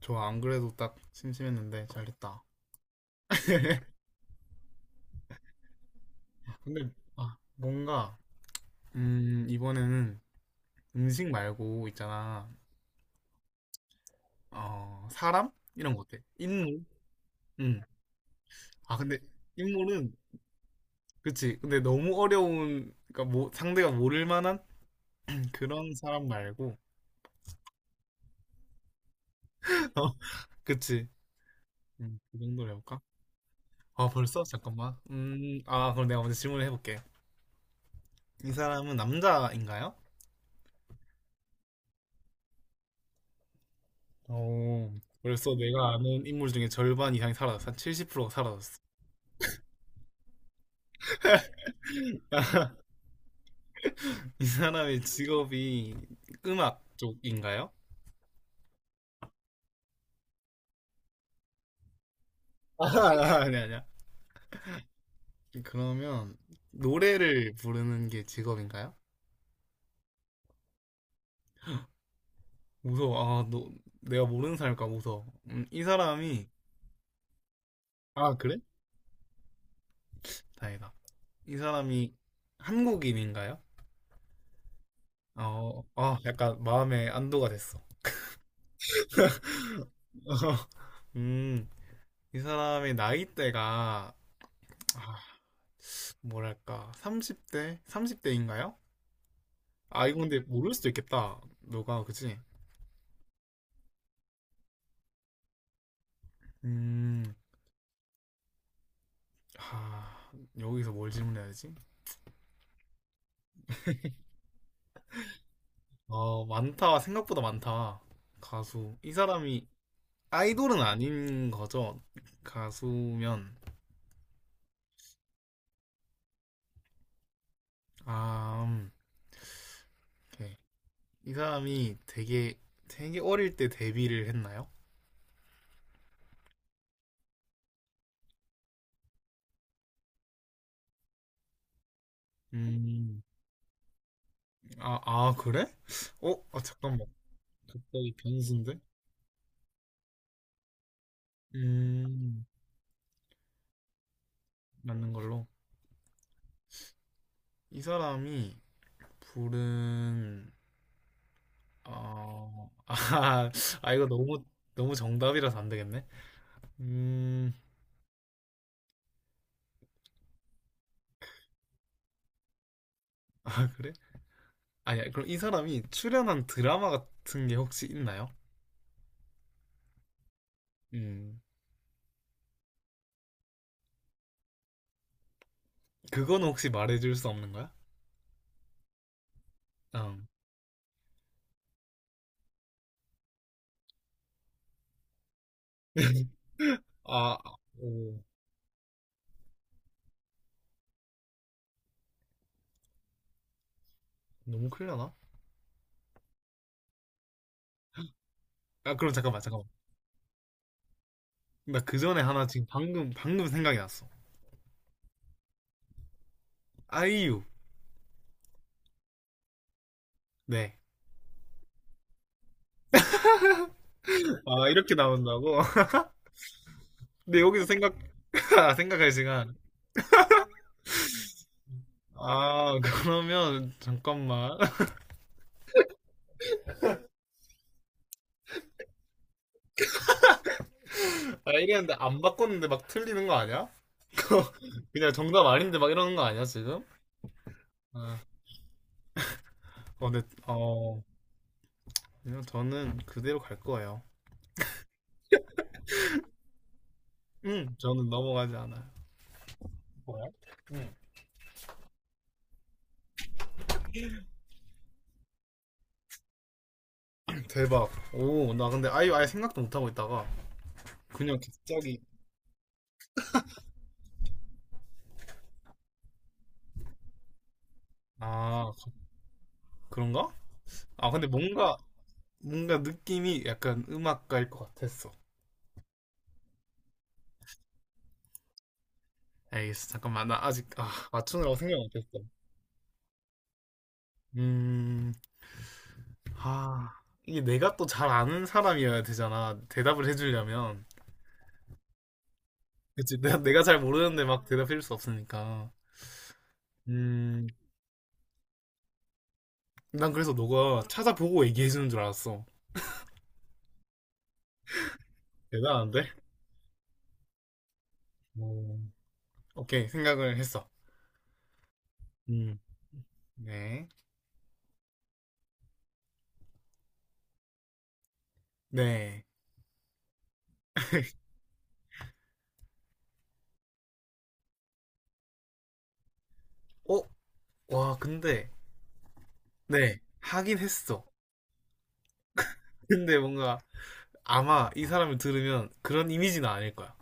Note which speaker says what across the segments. Speaker 1: 저 안 그래도 딱 심심했는데 잘했다. 근데 아, 뭔가 이번에는 음식 말고 있잖아. 어, 사람? 이런 거 어때? 인물? 음. 아, 근데 인물은 그치. 근데 너무 어려운, 그러니까 뭐 상대가 모를 만한 그런 사람 말고. 어, 그치. 그 정도로 해볼까? 아, 벌써? 잠깐만. 아, 그럼 내가 먼저 질문을 해볼게. 이 사람은 남자인가요? 오, 벌써 내가 아는 인물 중에 절반 이상이 사라졌어. 한 70%가 사라졌어. 이 사람의 직업이 음악 쪽인가요? 아, 아, 아니, 아니야. 그러면 노래를 부르는 게 직업인가요? 무서워. 아, 너, 내가 모르는 사람일까 무서워. 이 사람이, 아, 그래? 다행이다. 이 사람이 한국인인가요? 어, 아, 약간 마음에 안도가 됐어. 음, 이 사람의 나이대가, 아, 뭐랄까, 30대? 30대인가요? 아, 이건 근데 모를 수도 있겠다. 너가, 그치? 음, 하, 여기서 뭘 질문해야 되지? 어, 많다. 생각보다 많다. 가수. 이 사람이 아이돌은 아닌 거죠? 가수면. 아, 오케이. 이 사람이 되게 어릴 때 데뷔를 했나요? 음, 아, 아, 그래? 어, 아, 잠깐만. 갑자기 변수인데? 음, 맞는 걸로. 이 사람이 부른, 어, 아, 아, 이거 너무, 너무 정답이라서 안 되겠네. 음, 아, 그래? 아니야, 그럼 이 사람이 출연한 드라마 같은 게 혹시 있나요? 음, 그거는 혹시 말해줄 수 없는 거야? 응. 아, 오, 너무 클려나? 아, 그럼 잠깐만, 잠깐만. 나 그 전에 하나 지금 방금 생각이 났어. 아이유. 네. 아, 이렇게 나온다고? 근데 여기서 생각할 시간. 아, 그러면, 잠깐만. 아, 이랬는데 안 바꿨는데 막 틀리는 거 아니야? 그냥 정답 아닌데 막 이러는 거 아니야, 지금? 아, 어, 근데, 그냥 저는 그대로 갈 거예요. 저는 넘어가지 않아요. 뭐야? 응. 대박. 오, 나 근데 아예 아예 생각도 못 하고 있다가 그냥 갑자기. 아, 그런가? 아, 근데 뭔가 느낌이 약간 음악가일 것 같았어. 알겠어. 잠깐만, 나 아직 아 맞추느라고 생각 못했어. 음, 아, 이게 내가 또 잘 아는 사람이어야 되잖아. 대답을 해주려면. 그치? 내가 잘 모르는데 막 대답해줄 수 없으니까. 음, 난 그래서 너가 찾아보고 얘기해주는 줄 알았어. 대단한데? 오, 오케이, 생각을 했어. 음. 네. 네. 어? 와, 근데, 네. 하긴 했어. 근데 뭔가, 아마 이 사람을 들으면 그런 이미지는 아닐 거야.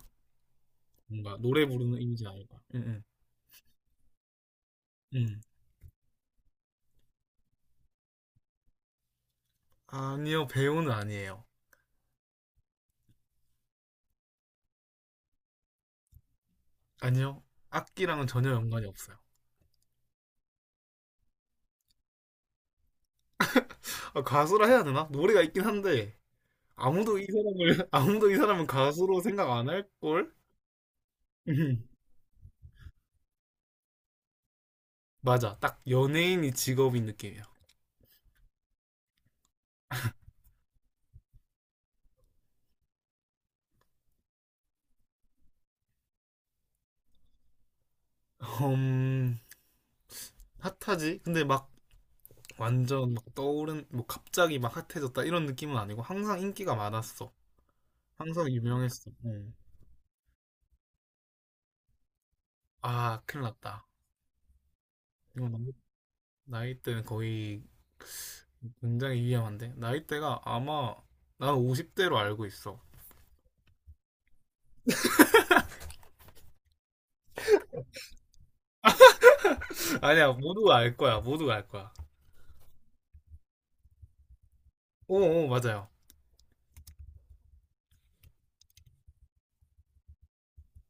Speaker 1: 뭔가, 노래 부르는 이미지는 아닐 거야. 응, 응. 응. 아니요, 배우는 아니에요. 아니요, 악기랑은 전혀 연관이 없어요. 아, 가수라 해야 되나? 노래가 있긴 한데, 아무도 이 사람을, 아무도 이 사람은 가수로 생각 안 할걸? 음, 맞아. 딱 연예인이 직업인 느낌이야. 음, 핫하지? 근데 막 완전 막 떠오른, 뭐 갑자기 막 핫해졌다 이런 느낌은 아니고 항상 인기가 많았어. 항상 유명했어. 응. 아, 큰일 났다. 이거 너무 나이대는 거의 굉장히 위험한데. 나이대가 아마 난 50대로 알고 있어. 아니야, 모두가 알 거야. 모두가 알 거야. 오, 오, 맞아요.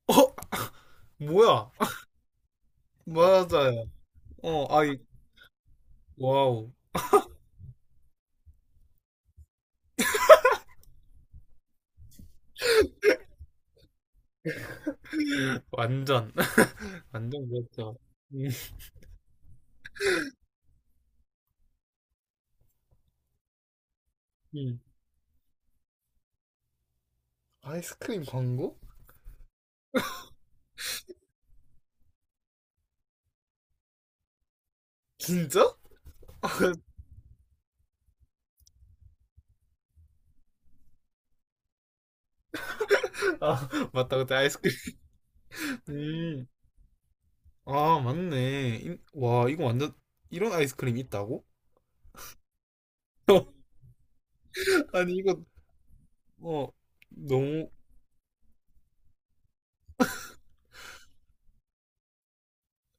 Speaker 1: 어, 뭐야? 맞아요. 어, 아이, 와우. 완전, 완전 그렇죠. 음. 음. 아이스크림 광고? 진짜? 아, 맞다. 그때 아이스크림 음. 아, 맞네. 인- 와, 이거 완전 이런 아이스크림 있다고? 아니, 이거 어 너무,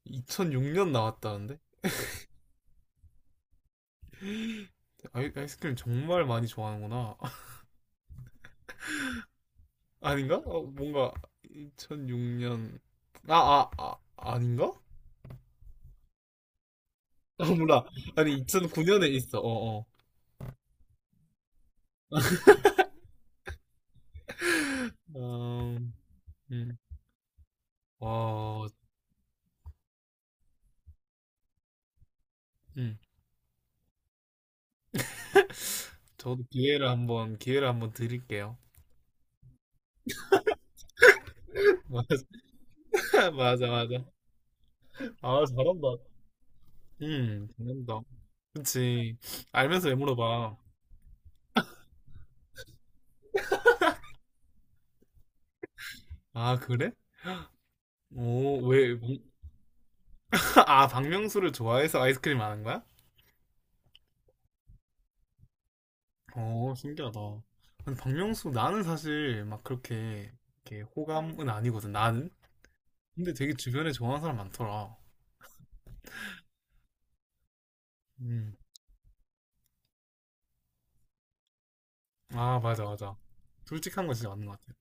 Speaker 1: 2006년 나왔다는데? 아이스크림 정말 많이 좋아하는구나. 아닌가? 어, 뭔가 2006년. 아, 아닌가? 아, 몰라. 아니, 2009년에 있어. 어, 어. 음. 음. 와, 음. 저도 기회를 한번 드릴게요. 맞아, 맞아, 맞아. 아, 잘한다. 잘한다. 그치. 알면서 왜 물어봐. 아, 그래? 오, 왜, 뭔- 아, 박명수를 좋아해서 아이스크림 안 한 거야? 어, 신기하다. 근데 박명수, 나는 사실 막 그렇게, 이렇게 호감은 아니거든, 나는. 근데 되게 주변에 좋아하는 사람 많더라. 음. 아, 맞아, 맞아. 솔직한 거 진짜 맞는 것 같아.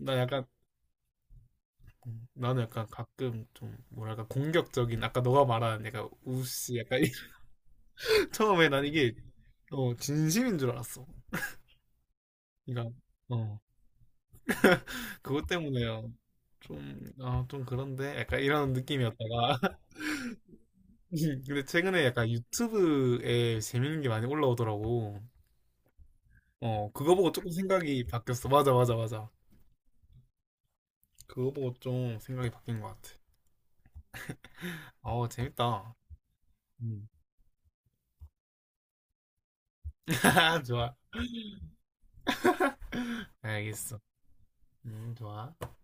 Speaker 1: 나 약간, 나는 약간 가끔 좀, 뭐랄까, 공격적인, 아까 너가 말한 약간 우씨, 약간. 처음에 난 이게, 진심인 줄 알았어. 그러니까, 어. 그것 때문에요. 좀 그런데? 약간 이런 느낌이었다가. 근데 최근에 약간 유튜브에 재밌는 게 많이 올라오더라고. 어, 그거 보고 조금 생각이 바뀌었어. 맞아, 맞아, 맞아. 그거 보고 좀 생각이 바뀐 것 같아. 어, 재밌다. 음. 좋아. 알겠어. 좋아.